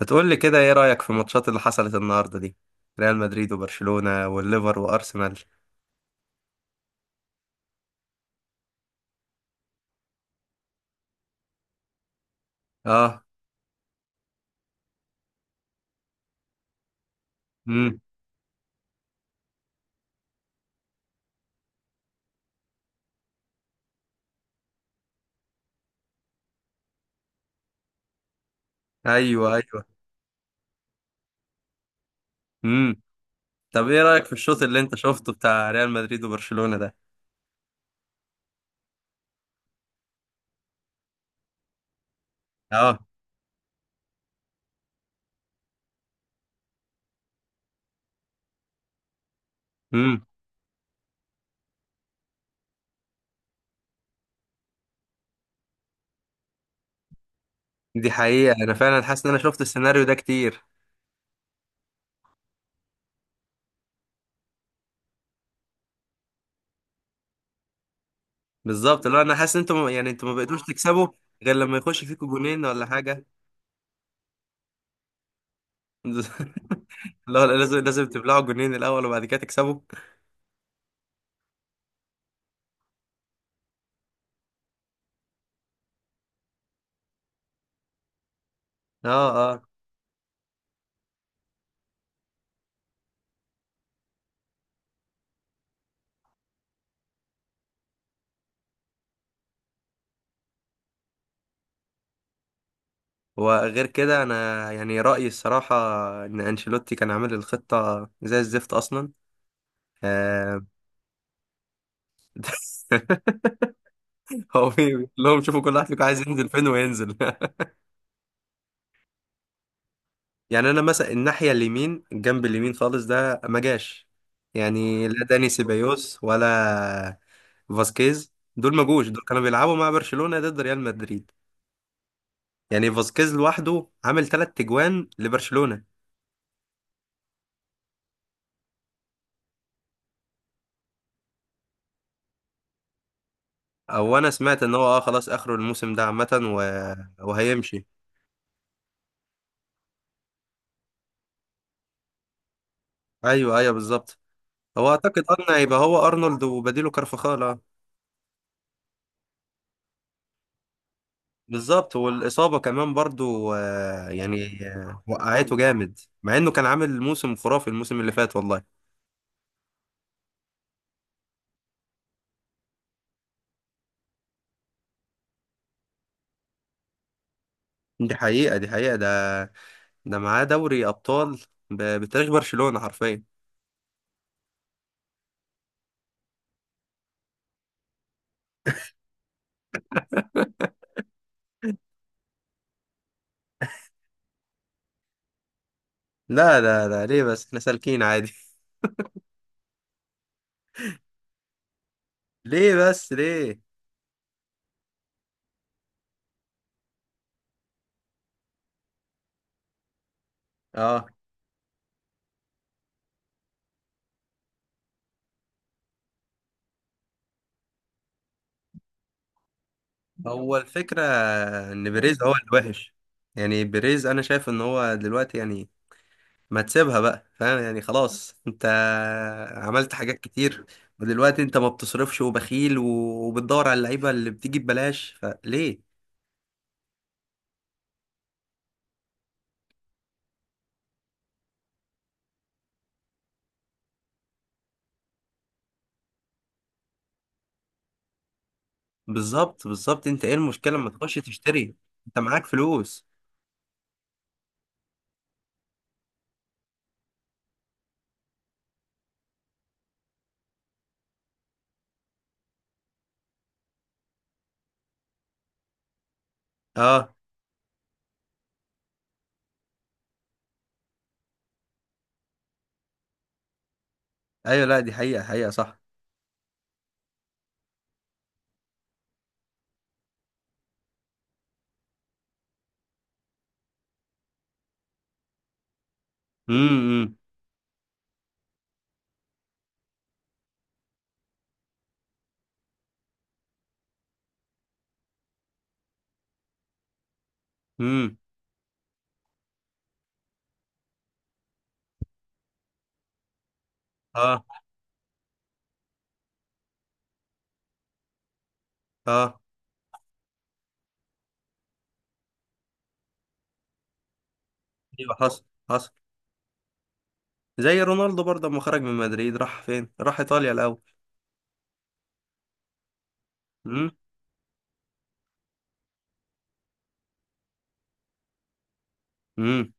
هتقول لي كده، ايه رأيك في الماتشات اللي حصلت النهارده دي؟ ريال مدريد وبرشلونة والليفر وارسنال. اه. امم. ايوه، ايوه. امم. طب ايه رأيك في الشوط اللي انت شفته بتاع ريال مدريد وبرشلونة ده؟ اه. امم. دي حقيقة، انا فعلا حاسس ان انا شفت السيناريو ده كتير. بالظبط، لو انا حاسس ان انتوا يعني انتوا ما بقيتوش تكسبوا غير لما يخش فيكوا جونين ولا حاجة. لا، لا، لازم لازم تبلعوا جونين الاول وبعد كده تكسبوا. اه، اه. وغير كده انا يعني رايي الصراحه ان انشيلوتي كان عامل الخطه زي الزفت اصلا. آه، هو بيقول لهم شوفوا كل واحد فيكم عايز ينزل فين وينزل. يعني انا مثلا الناحيه اليمين، الجنب اليمين خالص ده ما جاش. يعني لا داني سيبايوس ولا فاسكيز. دول ما جوش. دول كانوا بيلعبوا مع برشلونه ضد ريال مدريد. يعني فاسكيز لوحده عامل ثلاث تجوان لبرشلونه. او انا سمعت ان هو اه خلاص اخره الموسم ده عامه و... وهيمشي. ايوه، ايوه، بالظبط. هو اعتقد هيبقى هو ارنولد وبديله كارفخال. بالظبط. والاصابه كمان برضو، يعني وقعته جامد مع انه كان عامل موسم خرافي الموسم اللي فات والله. دي حقيقه، دي حقيقه. ده ده معاه دوري ابطال، بتاريخ برشلونه حرفيا. لا، لا، لا، ليه بس؟ احنا سالكين عادي. ليه بس ليه؟ اه. هو الفكره ان بيريز هو الوحش. يعني بيريز انا شايف ان هو دلوقتي يعني ما تسيبها بقى، فاهم؟ يعني خلاص، انت عملت حاجات كتير، ودلوقتي انت ما بتصرفش وبخيل، وبتدور على اللعيبه اللي بتيجي ببلاش، فليه؟ بالظبط، بالظبط. انت ايه المشكله ما تخش تشتري؟ انت معاك فلوس. اه. ايوه، لا، دي حقيقه، حقيقه، صح. امم، امم، امم. اه، اه. ايوه، حصل، حصل. زي رونالدو برضه، لما خرج من مدريد راح فين؟ راح ايطاليا الاول. امم، امم.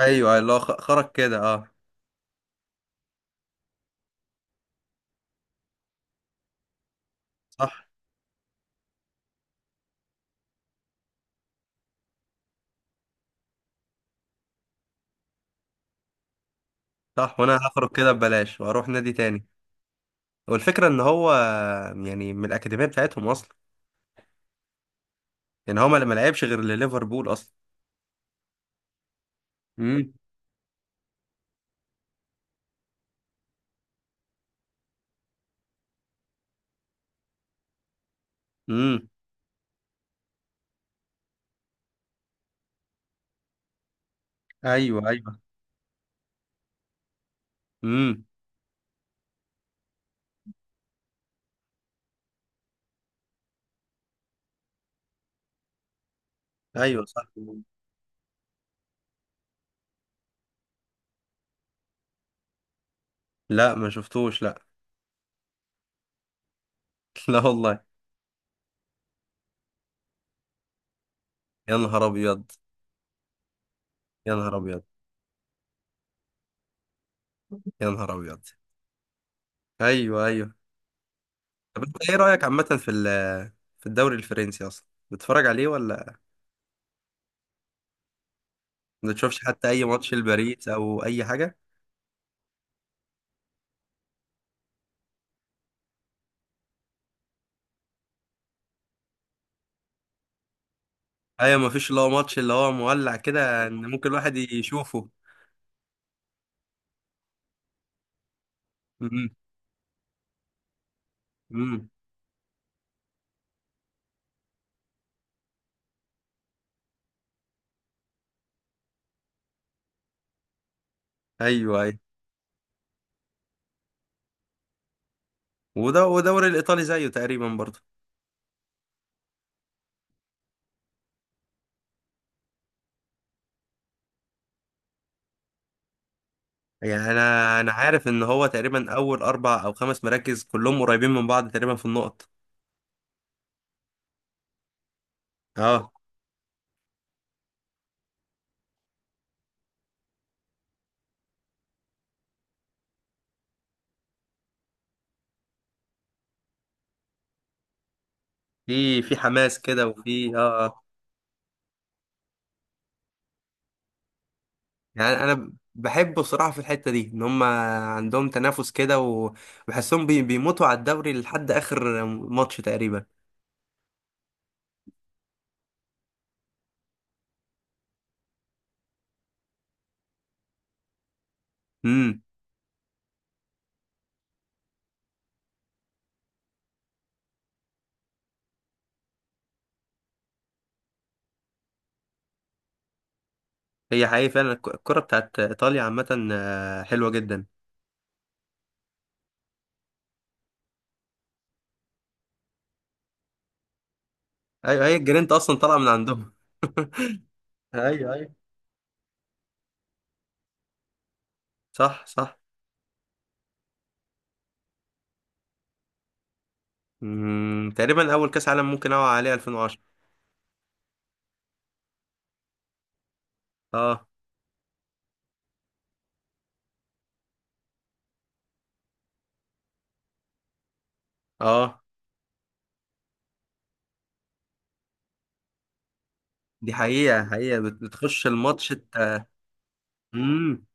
ايوه، اللي هو خرج كده. اه. صح، صح. وانا هخرج كده ببلاش واروح نادي تاني. والفكرة ان هو يعني من الاكاديمية بتاعتهم اصلا. يعني هو ما لعبش غير لليفربول اصلا. امم، امم. ايوه، ايوه. امم. ايوه، صح. لا، ما شفتوش، لا. لا والله. يا نهار ابيض. يا نهار ابيض. يا نهار ابيض. ايوه، ايوه. طب انت ايه رأيك عامة في في الدوري الفرنسي اصلا؟ بتتفرج عليه ولا ما تشوفش حتى اي ماتش لباريس او اي حاجة؟ ايوه، ما فيش اللي هو ماتش اللي هو مولع كده ان ممكن الواحد يشوفه. امم، امم. ايوه، ايوه. وده، ودوري الايطالي زيه تقريبا برضه. يعني انا عارف ان هو تقريبا اول اربع او خمس مراكز كلهم قريبين من بعض تقريبا في النقط. اه، في حماس كده وفي اه آه. يعني انا بحب بصراحه في الحته دي ان هم عندهم تنافس كده، وبحسهم بيموتوا على الدوري لحد اخر ماتش تقريبا. امم. هي حقيقي، فعلا الكره بتاعت ايطاليا عامه، حلوه جدا. ايوه، هي الجرينتا اصلا طالعه من عندهم. ايوه، ايوه. صح، صح. تقريبا اول كاس عالم ممكن اوعى عليه 2010. اه، اه. دي حقيقه، حقيقه، بتخش الماتش انت. امم.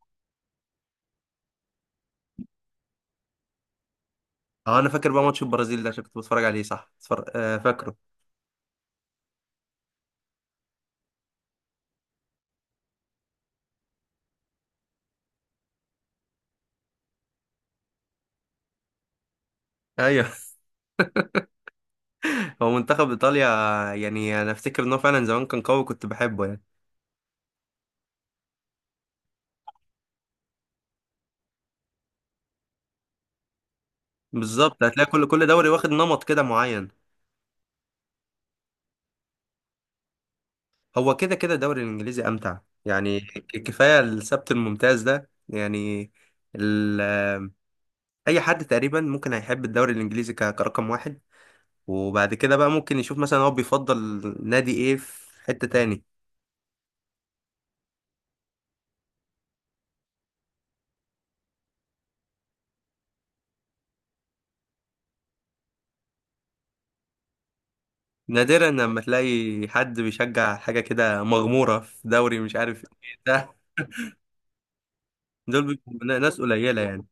اه، انا فاكر بقى ماتش البرازيل ده عشان كنت بتفرج عليه. صح، اتفرج... آه فاكره. ايوه. هو منتخب ايطاليا، يعني انا افتكر ان هو فعلا زمان كان قوي، كنت بحبه يعني. بالظبط، هتلاقي كل كل دوري واخد نمط كده معين. هو كده كده الدوري الانجليزي امتع. يعني كفايه السبت الممتاز ده يعني. ال... آه، اي حد تقريبا ممكن هيحب الدوري الانجليزي كرقم واحد. وبعد كده بقى ممكن يشوف مثلا هو بيفضل نادي ايه في حتة تاني. نادرا لما تلاقي حد بيشجع حاجة كده مغمورة في دوري مش عارف ايه ده. دول بيبقوا ناس قليلة يعني.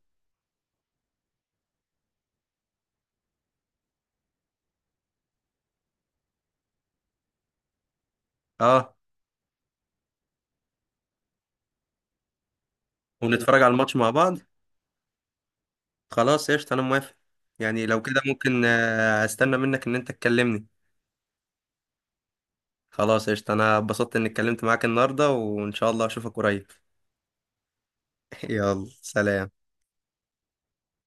اه. ونتفرج على الماتش مع بعض. خلاص قشطة، انا موافق. يعني لو كده ممكن استنى منك ان انت تكلمني. خلاص قشطة، انا اتبسطت اني اتكلمت معاك النهاردة وان شاء الله اشوفك قريب. يلا، سلام.